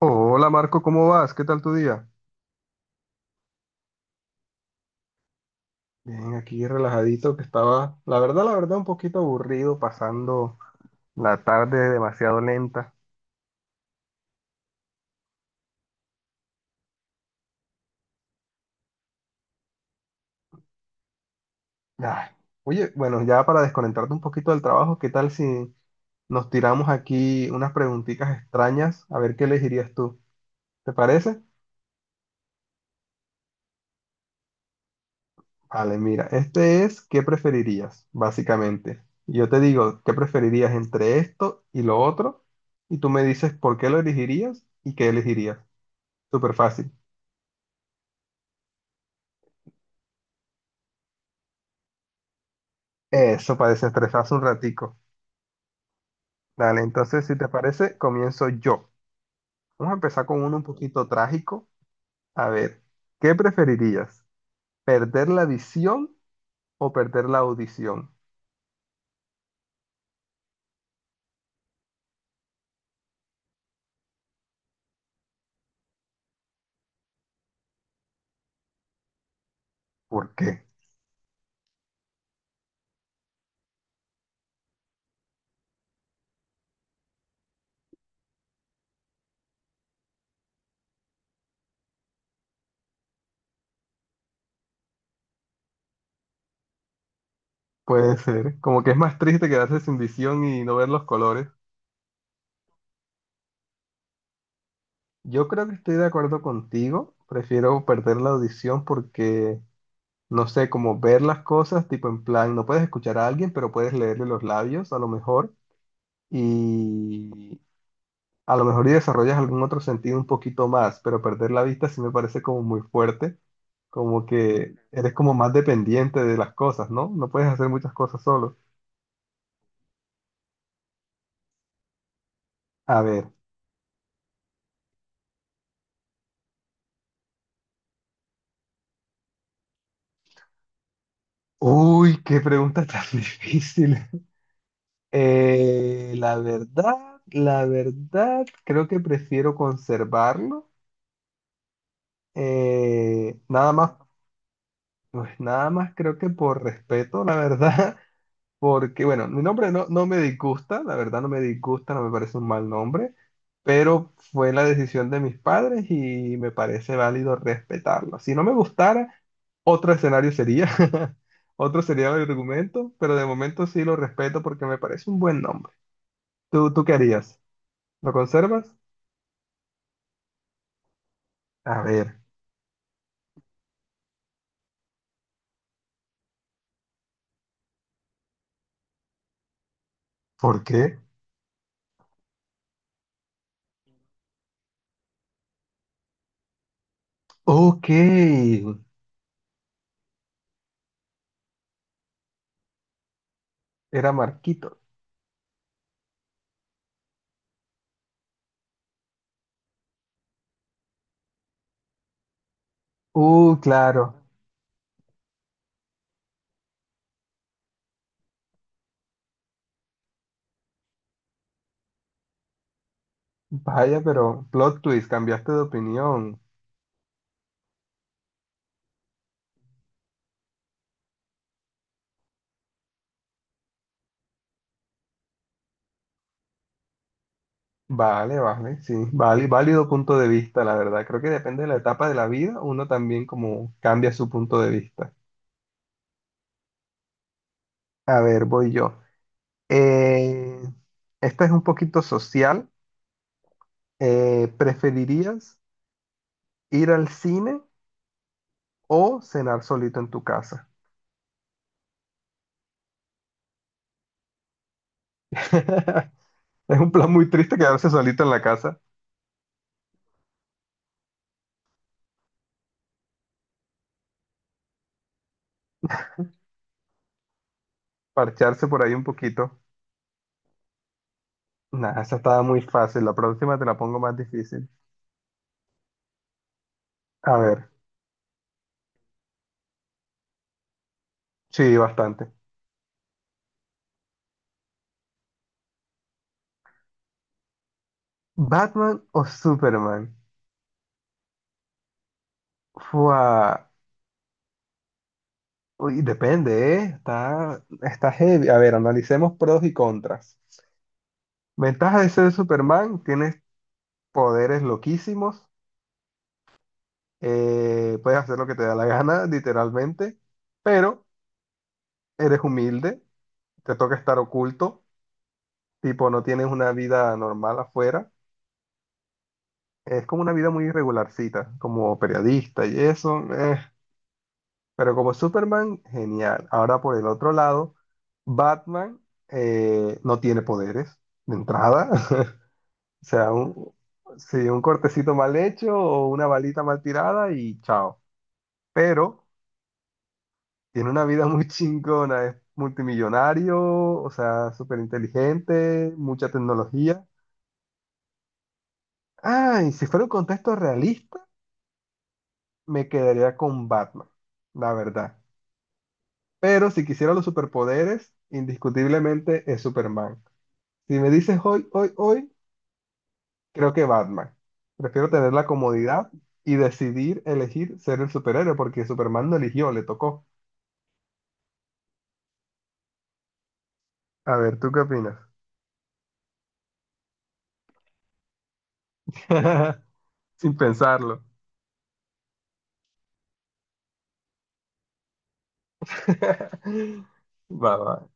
Hola Marco, ¿cómo vas? ¿Qué tal tu día? Bien, aquí relajadito que estaba, la verdad, un poquito aburrido, pasando la tarde demasiado lenta. Ay. Oye, bueno, ya para desconectarte un poquito del trabajo, ¿qué tal si nos tiramos aquí unas preguntitas extrañas? A ver qué elegirías tú. ¿Te parece? Vale, mira, este es ¿qué preferirías? Básicamente. Yo te digo, ¿qué preferirías entre esto y lo otro? Y tú me dices por qué lo elegirías y qué elegirías. Súper fácil. Eso, para desestresarse un ratico. Dale, entonces, si te parece, comienzo yo. Vamos a empezar con uno un poquito trágico. A ver, ¿qué preferirías? ¿Perder la visión o perder la audición? ¿Por qué? Puede ser. Como que es más triste quedarse sin visión y no ver los colores. Yo creo que estoy de acuerdo contigo. Prefiero perder la audición porque, no sé, como ver las cosas, tipo en plan, no puedes escuchar a alguien, pero puedes leerle los labios a lo mejor. Y A lo mejor y desarrollas algún otro sentido un poquito más, pero perder la vista sí me parece como muy fuerte, como que eres como más dependiente de las cosas, ¿no? No puedes hacer muchas cosas solo. A ver. Uy, qué pregunta tan difícil. Eh, la verdad, la verdad, creo que prefiero conservarlo. Nada más, pues nada más creo que por respeto, la verdad. Porque, bueno, mi nombre no me disgusta, la verdad no me disgusta, no me parece un mal nombre, pero fue la decisión de mis padres y me parece válido respetarlo. Si no me gustara, otro escenario sería, otro sería el argumento, pero de momento sí lo respeto porque me parece un buen nombre. ¿Tú qué harías? ¿Lo conservas? A ver, ¿por qué? Ok, era Marquito. Claro. Vaya, pero plot twist, cambiaste de opinión. Vale, vale, sí, vale, válido punto de vista, la verdad. Creo que depende de la etapa de la vida, uno también como cambia su punto de vista. A ver, voy yo. Eh, esta es un poquito social. ¿Preferirías ir al cine o cenar solito en tu casa? Es un plan muy triste quedarse solito en la casa, parcharse por ahí un poquito. Nada, esa estaba muy fácil. La próxima te la pongo más difícil. A ver, sí, bastante. ¿Batman o Superman? Fua. Uy, depende, ¿eh? Está heavy. A ver, analicemos pros y contras. Ventaja de ser Superman, tienes poderes loquísimos, puedes hacer lo que te da la gana, literalmente, pero eres humilde, te toca estar oculto, tipo, no tienes una vida normal afuera. Es como una vida muy irregularcita, como periodista y eso. Pero como Superman, genial. Ahora por el otro lado, Batman no tiene poderes de entrada. O sea, un, sí, un cortecito mal hecho o una balita mal tirada y chao. Pero tiene una vida muy chingona, es multimillonario, o sea, súper inteligente, mucha tecnología. Ah, y si fuera un contexto realista, me quedaría con Batman, la verdad. Pero si quisiera los superpoderes, indiscutiblemente es Superman. Si me dices hoy, creo que Batman. Prefiero tener la comodidad y decidir elegir ser el superhéroe porque Superman no eligió, le tocó. A ver, ¿tú qué opinas? Sin pensarlo. Va, va.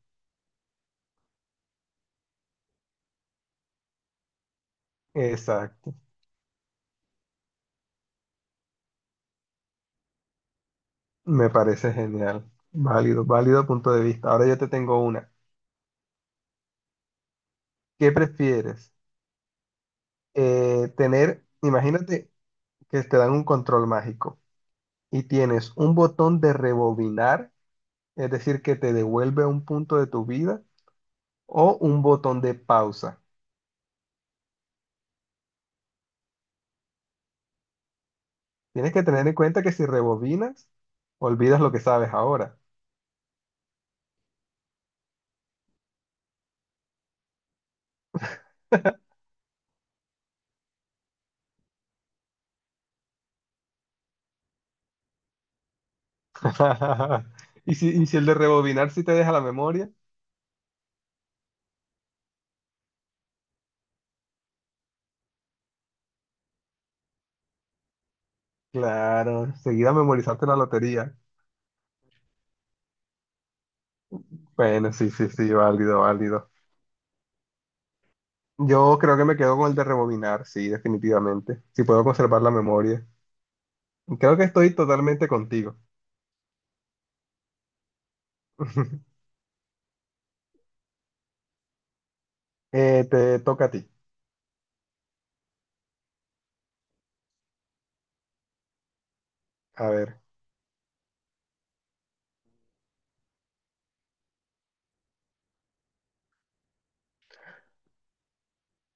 Exacto. Me parece genial. Válido, válido punto de vista. Ahora yo te tengo una. ¿Qué prefieres? Imagínate que te dan un control mágico y tienes un botón de rebobinar, es decir, que te devuelve a un punto de tu vida, o un botón de pausa. Tienes que tener en cuenta que si rebobinas, olvidas lo que sabes ahora. Y si el de rebobinar sí te deja la memoria, claro, seguida memorizaste la lotería. Bueno, sí, sí, sí, válido, válido. Yo creo que me quedo con el de rebobinar, sí, definitivamente. Si puedo conservar la memoria. Creo que estoy totalmente contigo. Te toca a ti. A ver.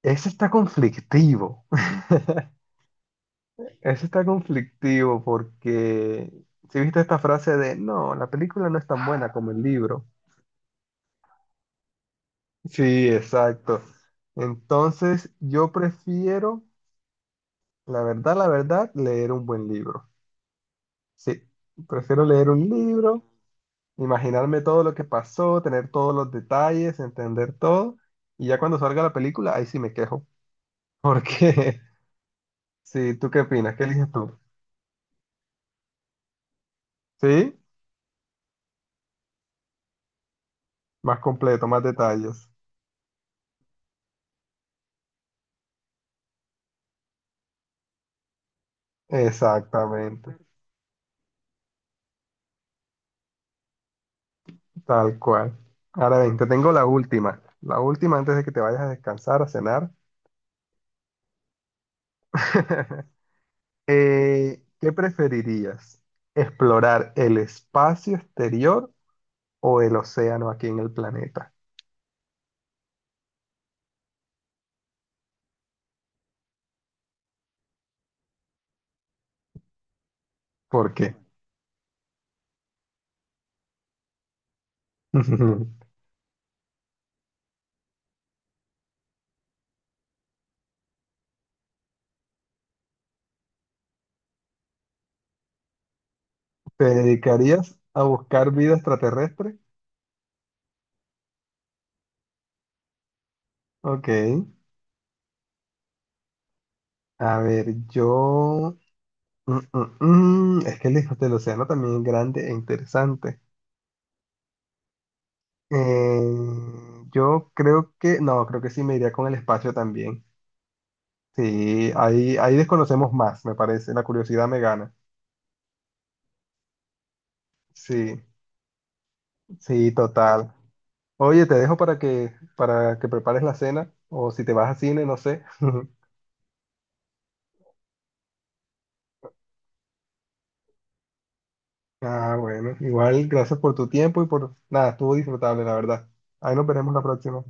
Ese está conflictivo. Eso está conflictivo porque si viste esta frase de no, la película no es tan buena como el libro. Sí, exacto. Entonces, yo prefiero, la verdad, leer un buen libro. Sí, prefiero leer un libro, imaginarme todo lo que pasó, tener todos los detalles, entender todo, y ya cuando salga la película, ahí sí me quejo. Porque, sí, ¿tú qué opinas? ¿Qué eliges tú? Sí, más completo, más detalles. Exactamente. Tal cual. Ahora bien, te tengo la última. La última antes de que te vayas a descansar, a cenar. ¿Qué preferirías? ¿Explorar el espacio exterior o el océano aquí en el planeta? ¿Por qué? ¿Te dedicarías a buscar vida extraterrestre? Ok. A ver, yo... Mm, mm, mm. Es que el hijo del océano también es grande e interesante. Eh, yo creo que... No, creo que sí me iría con el espacio también. Sí, ahí desconocemos más, me parece. La curiosidad me gana. Sí, sí, total. Oye, te dejo para que prepares la cena o si te vas a cine, no sé. Ah, bueno, igual gracias por tu tiempo y por nada, estuvo disfrutable, la verdad. Ahí nos veremos la próxima.